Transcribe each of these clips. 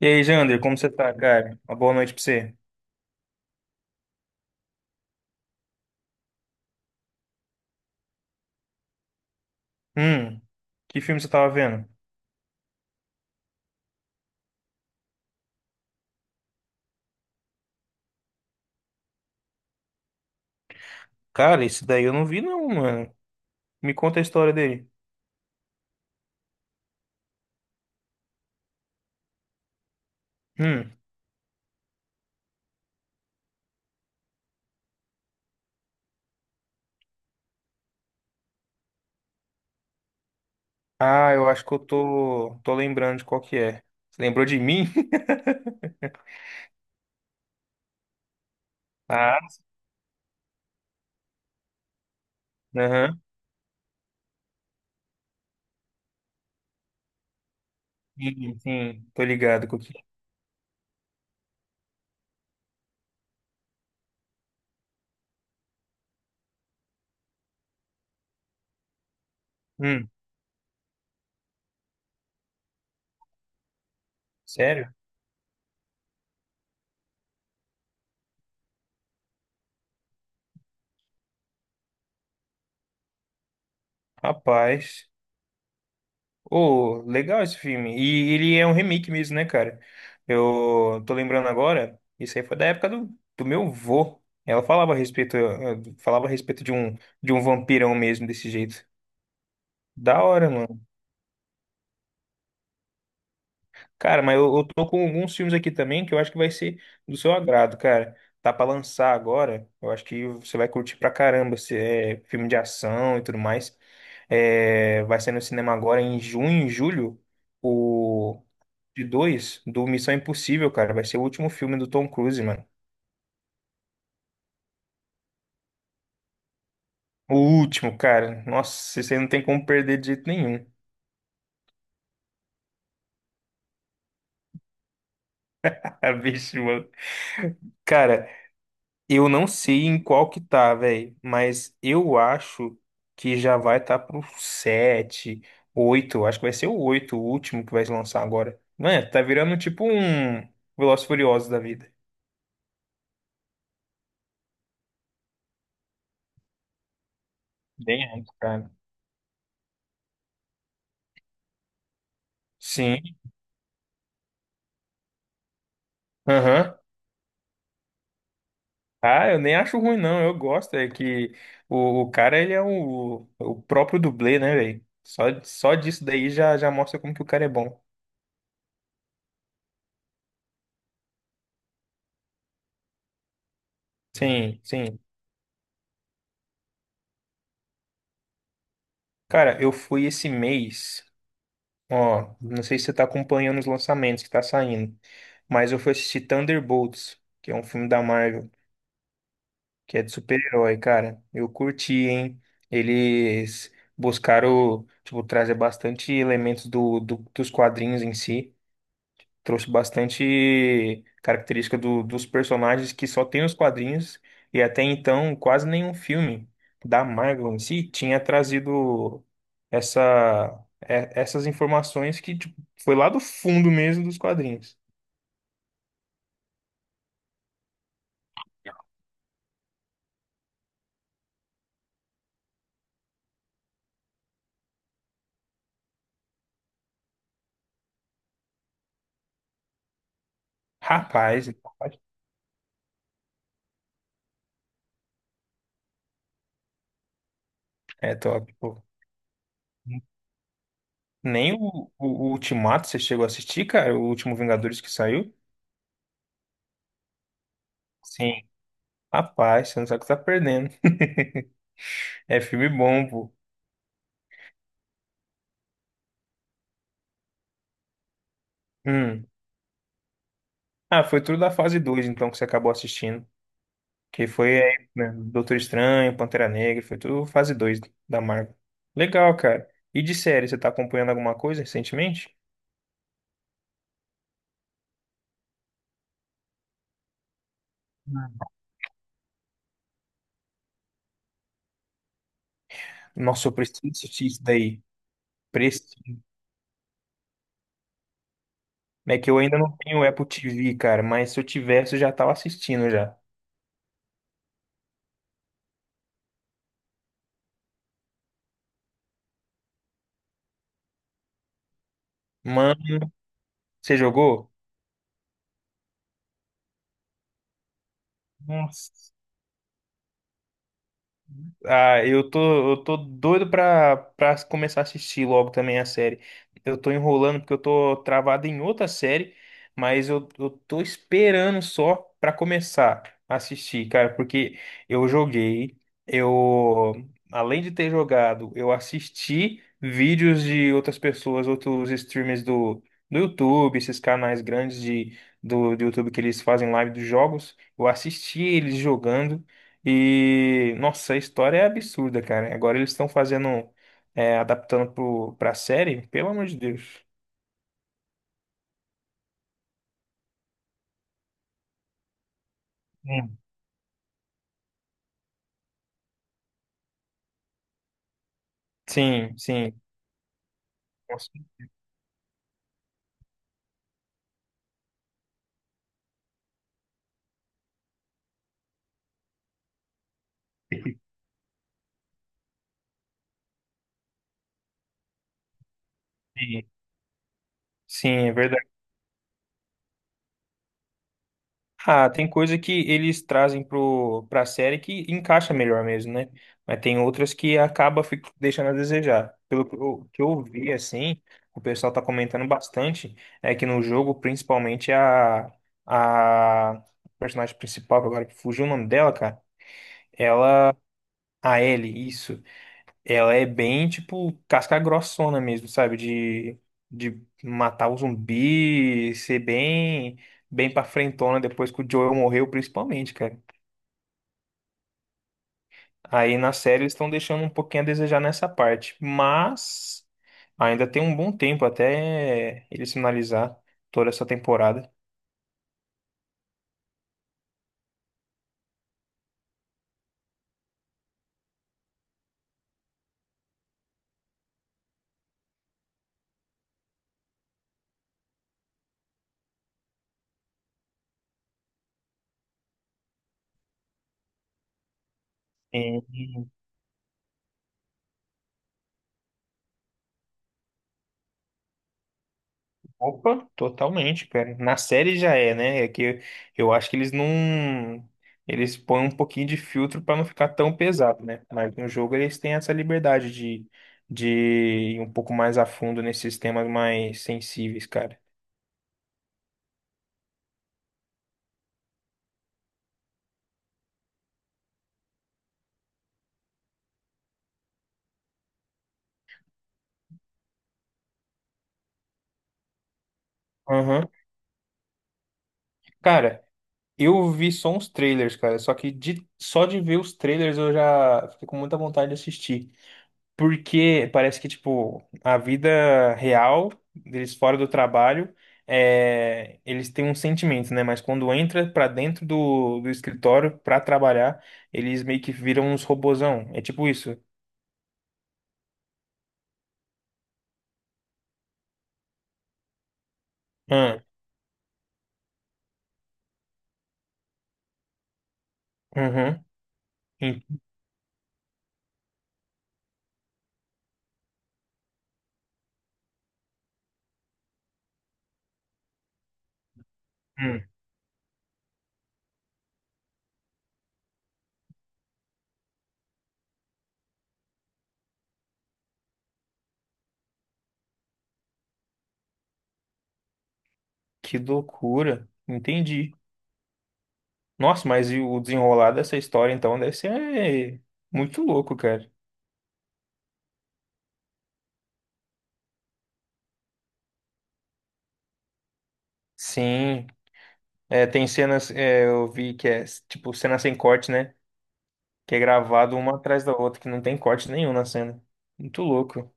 E aí, Jander, como você tá, cara? Uma boa noite pra você. Hum, que filme você tava vendo? Cara, esse daí eu não vi não, mano. Me conta a história dele. Hum. Ah, eu acho que eu tô lembrando de qual que é. Você lembrou de mim? Ah, aham. Sim, sim, tô ligado com o que é. Hum, sério? Rapaz. Oh, legal esse filme. E ele é um remake mesmo, né, cara? Eu tô lembrando agora, isso aí foi da época do meu vô. Ela falava a respeito, falava a respeito de um vampirão mesmo, desse jeito. Da hora, mano. Cara, mas eu tô com alguns filmes aqui também que eu acho que vai ser do seu agrado, cara. Tá pra lançar agora, eu acho que você vai curtir pra caramba. Se é filme de ação e tudo mais. É, vai ser no cinema agora em junho, em julho. De dois do Missão Impossível, cara. Vai ser o último filme do Tom Cruise, mano. O último, cara. Nossa, você não tem como perder de jeito nenhum. Ah, bicho, mano. Cara, eu não sei em qual que tá, velho, mas eu acho que já vai tá pro 7 oito, acho que vai ser o 8 o último que vai lançar agora. Mano, tá virando tipo um Velozes e Furiosos da vida. Bem antes, cara. Sim. Aham. Ah, eu nem acho ruim, não. Eu gosto. É que o cara, ele é o próprio dublê, né, velho? Só disso daí já, já mostra como que o cara é bom. Sim, sim. Cara, eu fui esse mês. Ó, não sei se você tá acompanhando os lançamentos que tá saindo, mas eu fui assistir Thunderbolts, que é um filme da Marvel, que é de super-herói, cara. Eu curti, hein? Eles buscaram, tipo, trazer bastante elementos dos quadrinhos em si. Trouxe bastante característica dos personagens que só tem nos quadrinhos e até então quase nenhum filme da Marvel em si tinha trazido essa, essas informações que, tipo, foi lá do fundo mesmo dos quadrinhos. Rapaz, é top, pô. Nem o Ultimato você chegou a assistir, cara? O último Vingadores que saiu? Sim. Rapaz, você não sabe o que tá perdendo. É filme bom, pô. Hum. Ah, foi tudo da fase 2, então, que você acabou assistindo. Que foi, é, né, Doutor Estranho, Pantera Negra, foi tudo fase 2 da Marvel. Legal, cara. E de série, você tá acompanhando alguma coisa recentemente? Nossa, eu preciso assistir isso daí. Preciso. É que eu ainda não tenho Apple TV, cara, mas se eu tivesse, eu já tava assistindo já. Mano, você jogou? Nossa. Ah, eu tô doido pra começar a assistir logo também a série. Eu tô enrolando porque eu tô travado em outra série, mas eu tô esperando só pra começar a assistir, cara, porque eu joguei, eu, além de ter jogado, eu assisti vídeos de outras pessoas, outros streamers do YouTube, esses canais grandes de, do YouTube, que eles fazem live dos jogos. Eu assisti eles jogando. E, nossa, a história é absurda, cara. Agora eles estão fazendo, é, adaptando pra série, pelo amor de Deus. Hum. Sim, sim, com certeza. Sim, sim, é verdade. Ah, tem coisa que eles trazem pra série que encaixa melhor mesmo, né? Mas tem outras que acaba deixando a desejar. Pelo que eu vi, assim, o pessoal tá comentando bastante, é que no jogo, principalmente, a personagem principal, que agora fugiu o nome dela, cara. A Ellie, isso. Ela é bem, tipo, casca grossona mesmo, sabe? De matar o zumbi, ser bem, bem pra frentona depois que o Joel morreu, principalmente, cara. Aí na série eles estão deixando um pouquinho a desejar nessa parte. Mas ainda tem um bom tempo até eles finalizar toda essa temporada. Opa, totalmente, cara. Na série já é, né? É que eu acho que eles não. Eles põem um pouquinho de filtro pra não ficar tão pesado, né? Mas no jogo eles têm essa liberdade de ir um pouco mais a fundo nesses temas mais sensíveis, cara. Aham. Cara, eu vi só uns trailers, cara. Só que de, só de ver os trailers eu já fiquei com muita vontade de assistir. Porque parece que, tipo, a vida real deles fora do trabalho, é, eles têm um sentimento, né? Mas quando entra pra dentro do escritório pra trabalhar, eles meio que viram uns robozão. É tipo isso. Ah, uhum, en- hum, que loucura. Entendi. Nossa, mas e o desenrolar dessa história, então, deve ser muito louco, cara. Sim. É, tem cenas, é, eu vi que é, tipo, cena sem corte, né? Que é gravado uma atrás da outra, que não tem corte nenhum na cena. Muito louco.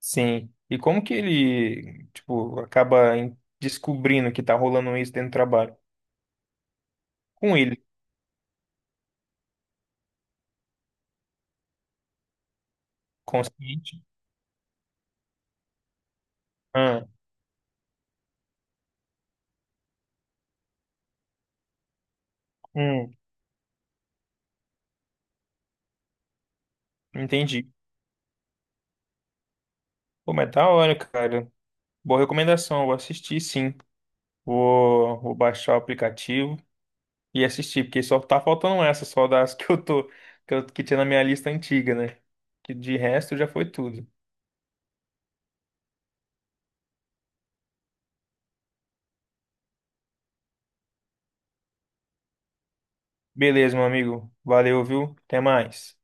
Sim. E como que ele, tipo, acaba descobrindo que tá rolando isso dentro do trabalho? Com ele, consciente. Ah, hum, entendi. Pô, mas da hora, cara. Boa recomendação, eu vou assistir sim. Vou baixar o aplicativo e assistir, porque só tá faltando essa, só das que eu tô, que, que tinha na minha lista antiga, né? Que de resto já foi tudo. Beleza, meu amigo. Valeu, viu? Até mais.